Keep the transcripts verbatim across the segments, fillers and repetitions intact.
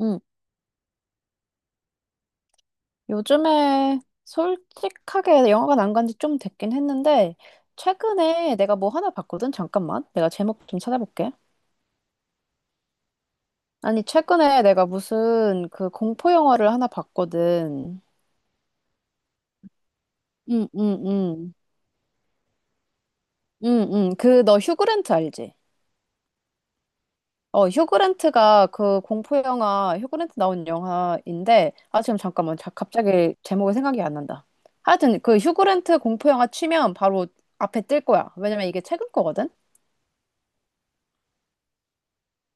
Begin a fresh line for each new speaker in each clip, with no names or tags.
음, 요즘에 솔직하게 영화관 안 간지 좀 됐긴 했는데, 최근에 내가 뭐 하나 봤거든? 잠깐만. 내가 제목 좀 찾아볼게. 아니, 최근에 내가 무슨 그 공포 영화를 하나 봤거든. 응, 응, 응. 응, 응. 그, 너 휴그랜트 알지? 어, 휴그랜트가 그 공포 영화, 휴그랜트 나온 영화인데, 아, 지금 잠깐만. 자, 갑자기 제목이 생각이 안 난다. 하여튼 그 휴그랜트 공포 영화 치면 바로 앞에 뜰 거야. 왜냐면 이게 최근 거거든?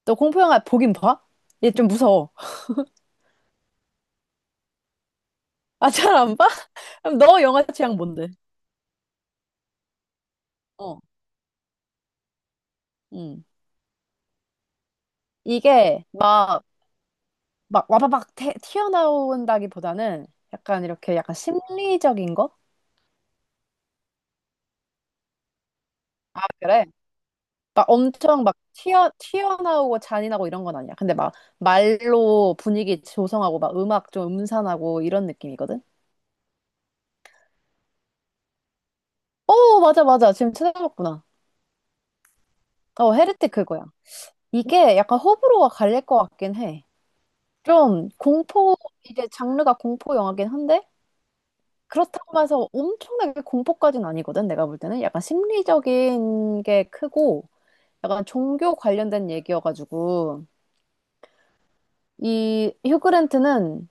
너 공포 영화 보긴 봐? 얘 좀 무서워. 아, 잘 안 봐? 그럼 너 영화 취향 뭔데? 어, 음. 이게 막, 막 와바박 태, 튀어나온다기보다는 약간 이렇게 약간 심리적인 거? 아, 그래? 막 엄청 막 튀어, 튀어나오고 잔인하고 이런 건 아니야. 근데 막 말로 분위기 조성하고 막 음악 좀 음산하고 이런 느낌이거든? 오, 맞아, 맞아. 지금 찾아봤구나. 어, 헤레틱 그거야. 이게 약간 호불호가 갈릴 것 같긴 해. 좀 공포, 이게 장르가 공포 영화긴 한데, 그렇다고 해서 엄청나게 공포까지는 아니거든, 내가 볼 때는. 약간 심리적인 게 크고, 약간 종교 관련된 얘기여가지고, 이 휴그랜트는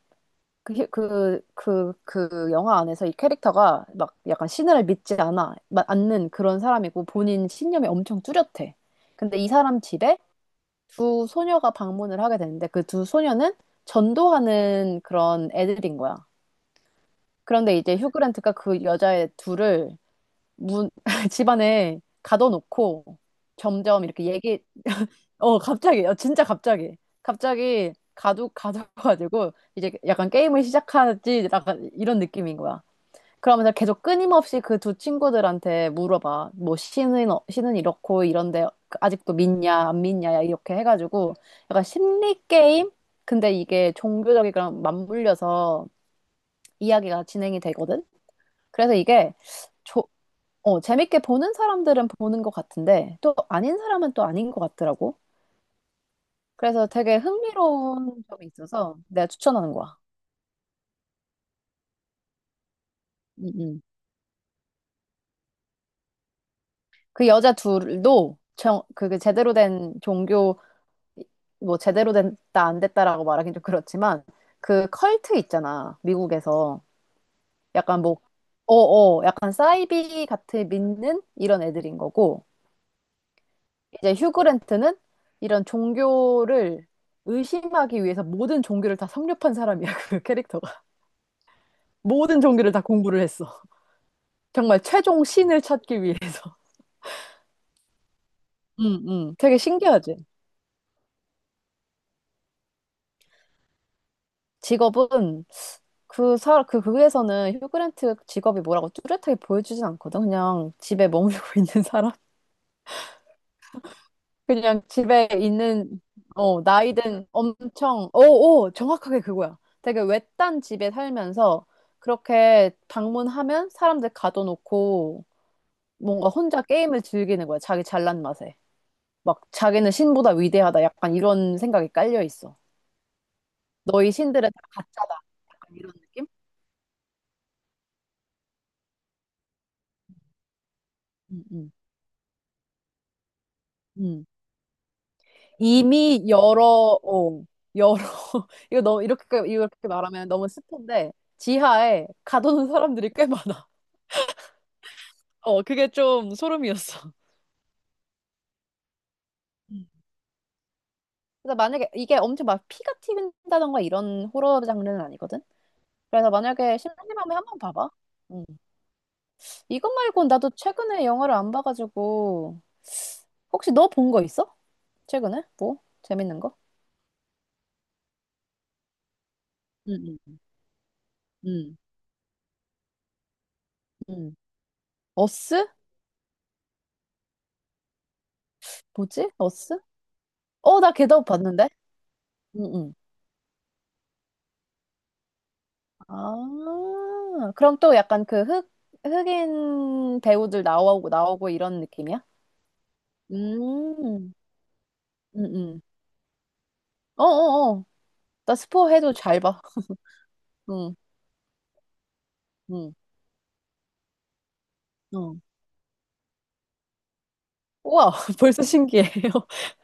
그, 휴- 그, 그, 그 영화 안에서 이 캐릭터가 막 약간 신을 믿지 않아, 마- 않는 그런 사람이고, 본인 신념이 엄청 뚜렷해. 근데 이 사람 집에 두 소녀가 방문을 하게 되는데, 그 두 소녀는 전도하는 그런 애들인 거야. 그런데 이제 휴그랜트가 그 여자애 둘을 문, 집안에 가둬놓고 점점 이렇게 얘기, 어, 갑자기, 어, 진짜 갑자기, 갑자기 가두, 가둬가지고 이제 약간 게임을 시작하지, 약간 이런 느낌인 거야. 그러면서 계속 끊임없이 그 두 친구들한테 물어봐. 뭐, 신은, 어- 신은 이렇고 이런데 아직도 믿냐, 안 믿냐, 야, 이렇게 해가지고 약간 심리 게임? 근데 이게 종교적이랑 맞물려서 이야기가 진행이 되거든? 그래서 이게 저, 어, 재밌게 보는 사람들은 보는 것 같은데 또 아닌 사람은 또 아닌 것 같더라고. 그래서 되게 흥미로운 점이 있어서 내가 추천하는 거야. 음, 음. 그 여자 둘도 정, 그게 제대로 된 종교, 뭐 제대로 됐다 안 됐다라고 말하긴 좀 그렇지만 그 컬트 있잖아, 미국에서. 약간 뭐 어어 약간 사이비 같은 믿는 이런 애들인 거고, 이제 휴그랜트는 이런 종교를 의심하기 위해서 모든 종교를 다 섭렵한 사람이야, 그 캐릭터가. 모든 종교를 다 공부를 했어. 정말 최종 신을 찾기 위해서. 응, 응. 되게 신기하지? 직업은, 그 사, 그 극에서는 휴그랜트 직업이 뭐라고 뚜렷하게 보여주진 않거든. 그냥 집에 머물고 있는 사람? 그냥 집에 있는, 어, 나이든 엄청, 오, 오, 정확하게 그거야. 되게 외딴 집에 살면서 그렇게 방문하면 사람들 가둬놓고 뭔가 혼자 게임을 즐기는 거야. 자기 잘난 맛에. 막 자기는 신보다 위대하다. 약간 이런 생각이 깔려 있어. 너희 신들은 다 가짜다. 약간 이런 느낌? 음, 음, 음. 이미 여러, 어, 여러, 이거 너무, 이렇게, 이렇게 말하면 너무 스폰데, 지하에 가둬놓은 사람들이 꽤 많아. 어, 그게 좀 소름이었어. 음. 그래서 만약에 이게 엄청 막 피가 튀긴다던가 이런 호러 장르는 아니거든? 그래서 만약에 심심하면 한번 봐봐. 음. 이것 말고 나도 최근에 영화를 안 봐가지고 혹시 너 본 거 있어? 최근에? 뭐? 재밌는 거? 응응응응. 어스? 뭐지? 어스? 어, 나 걔도 봤는데. 응, 응. 아, 그럼 또 약간 그 흑, 흑인 배우들 나오고 나오고 이런 느낌이야? 음, 응, 응. 어어어. 나 스포해도 잘 봐. 응, 응, 응. 우와, 벌써 신기해요.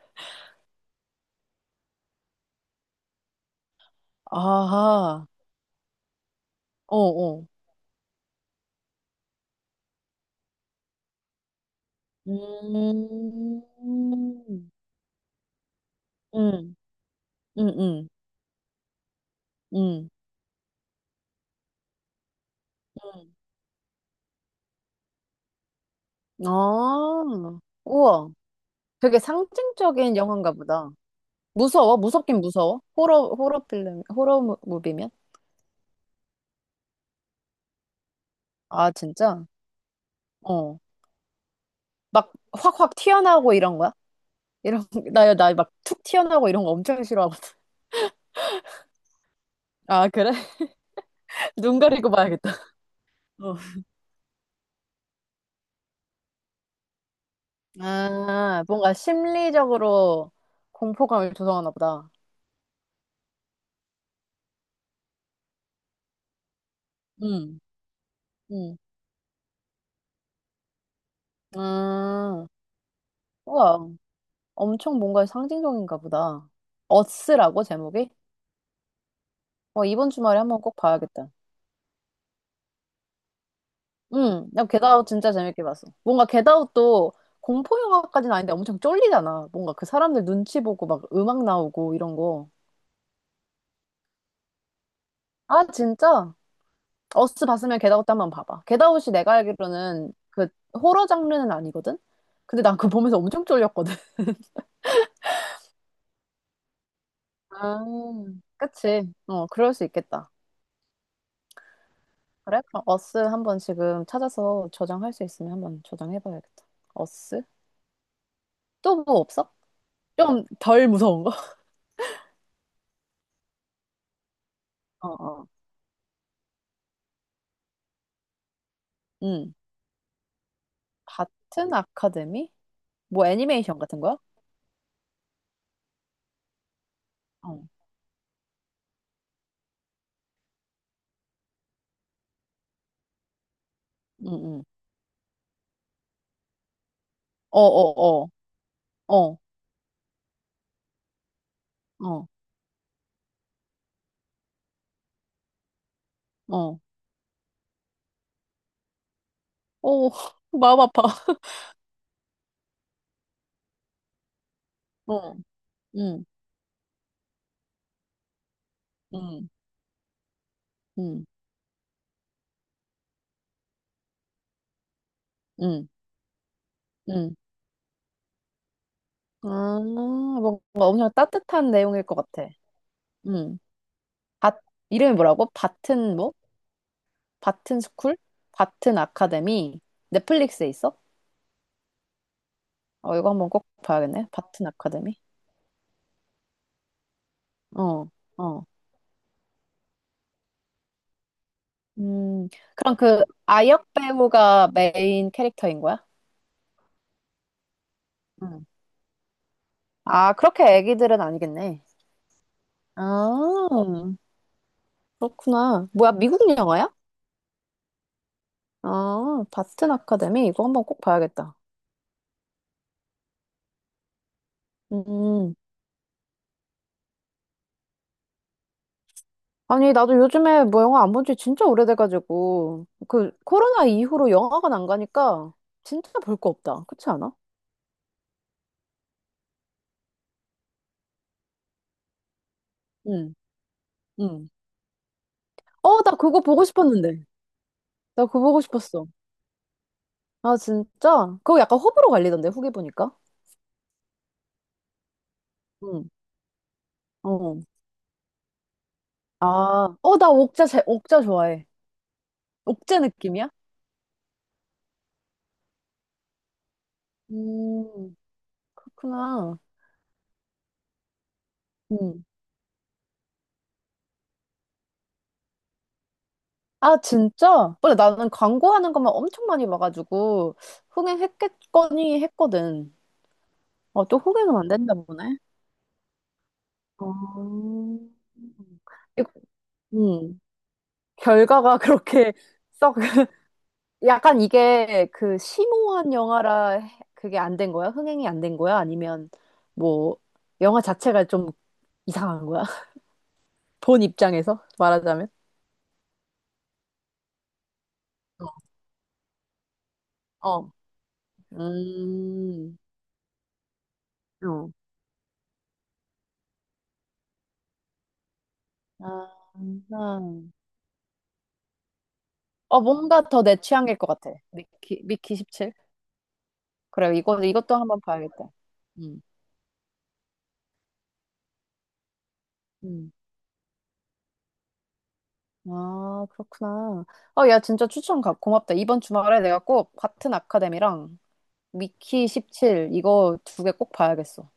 아하, 어, 어. 음, 음, 음, 음, 음. 음. 아, 우와. 되게 상징적인 영화인가 보다. 무서워? 무섭긴 무서워? 호러, 호러 필름, 호러 무- 무비면? 아, 진짜? 어. 막 확확 튀어나오고 이런 거야? 이런, 나, 나 막 툭 튀어나오고 이런 거 엄청 싫어하거든. 아, 그래? 눈 가리고 봐야겠다. 어. 아, 뭔가 심리적으로 공포감을 조성하나 보다. 응, 응. 아, 우와, 엄청 뭔가 상징적인가 보다. 어스라고 제목이? 어, 이번 주말에 한번 꼭 봐야겠다. 응, 나 겟아웃 진짜 재밌게 봤어. 뭔가 겟아웃도 공포 영화까지는 아닌데 엄청 쫄리잖아. 뭔가 그 사람들 눈치 보고 막 음악 나오고 이런 거. 아, 진짜? 어스 봤으면 겟아웃도 한번 봐봐. 겟아웃이 내가 알기로는 그 호러 장르는 아니거든? 근데 난 그거 보면서 엄청 쫄렸거든. 아, 그치. 어, 그럴 수 있겠다. 그래? 그럼 어스 한번 지금 찾아서 저장할 수 있으면 한번 저장해봐야겠다. 어스? 또 뭐 없어? 좀 덜 무서운 거? 어, 어. 응. 같은 아카데미? 뭐 애니메이션 같은 거야? 어, 응, 응. 어, 어, 어, 어, 어, 어. 오, 마음 아파. 어, 응, 응, 응, 응, 응. 아, 뭔가 엄청 따뜻한 내용일 것 같아. 응. 밭, 이름이 뭐라고? 밭은 뭐? 바튼 스쿨? 바튼 아카데미? 넷플릭스에 있어? 어, 이거 한번 꼭 봐야겠네. 바튼 아카데미? 어, 어. 음, 그럼 그 아역 배우가 메인 캐릭터인 거야? 응. 아, 그렇게 애기들은 아니겠네. 아, 그렇구나. 뭐야, 미국 영화야? 아, 바튼 아카데미? 이거 한번 꼭 봐야겠다. 음. 아니, 나도 요즘에 뭐 영화 안 본지 진짜 오래돼가지고, 그, 코로나 이후로 영화관 안 가니까 진짜 볼 거 없다. 그렇지 않아? 응. 어, 나 그거 보고 싶었는데. 나 그거 보고 싶었어. 아, 진짜? 그거 약간 호불호 갈리던데, 후기 보니까. 응. 어. 아, 어, 나 옥자, 제, 옥자 좋아해. 옥자 느낌이야? 음, 그렇구나. 음. 아, 진짜? 원래 나는 광고하는 것만 엄청 많이 봐가지고, 흥행했겠거니 했거든. 어, 또 흥행은 안 된다 보네. 어. 음, 결과가 그렇게 썩. 약간 이게 그 심오한 영화라 해- 그게 안 된 거야? 흥행이 안 된 거야? 아니면 뭐 영화 자체가 좀 이상한 거야? 본 입장에서 말하자면? 어. 어. 음. 어. 아, 음. 어, 뭔가 더 내 취향일 것 같아. 미키, 미키 십칠? 그래, 이거, 이것도 한번 봐야겠다. 음. 음. 아, 그렇구나. 어, 야, 진짜 추천 가, 고맙다. 이번 주말에 내가 꼭 같은 아카데미랑 미키 십칠 이거 두 개 꼭 봐야겠어.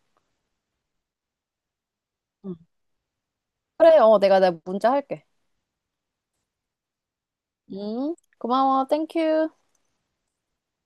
응. 그래, 어, 내가 내 문자 할게. 음, 고마워, 땡큐.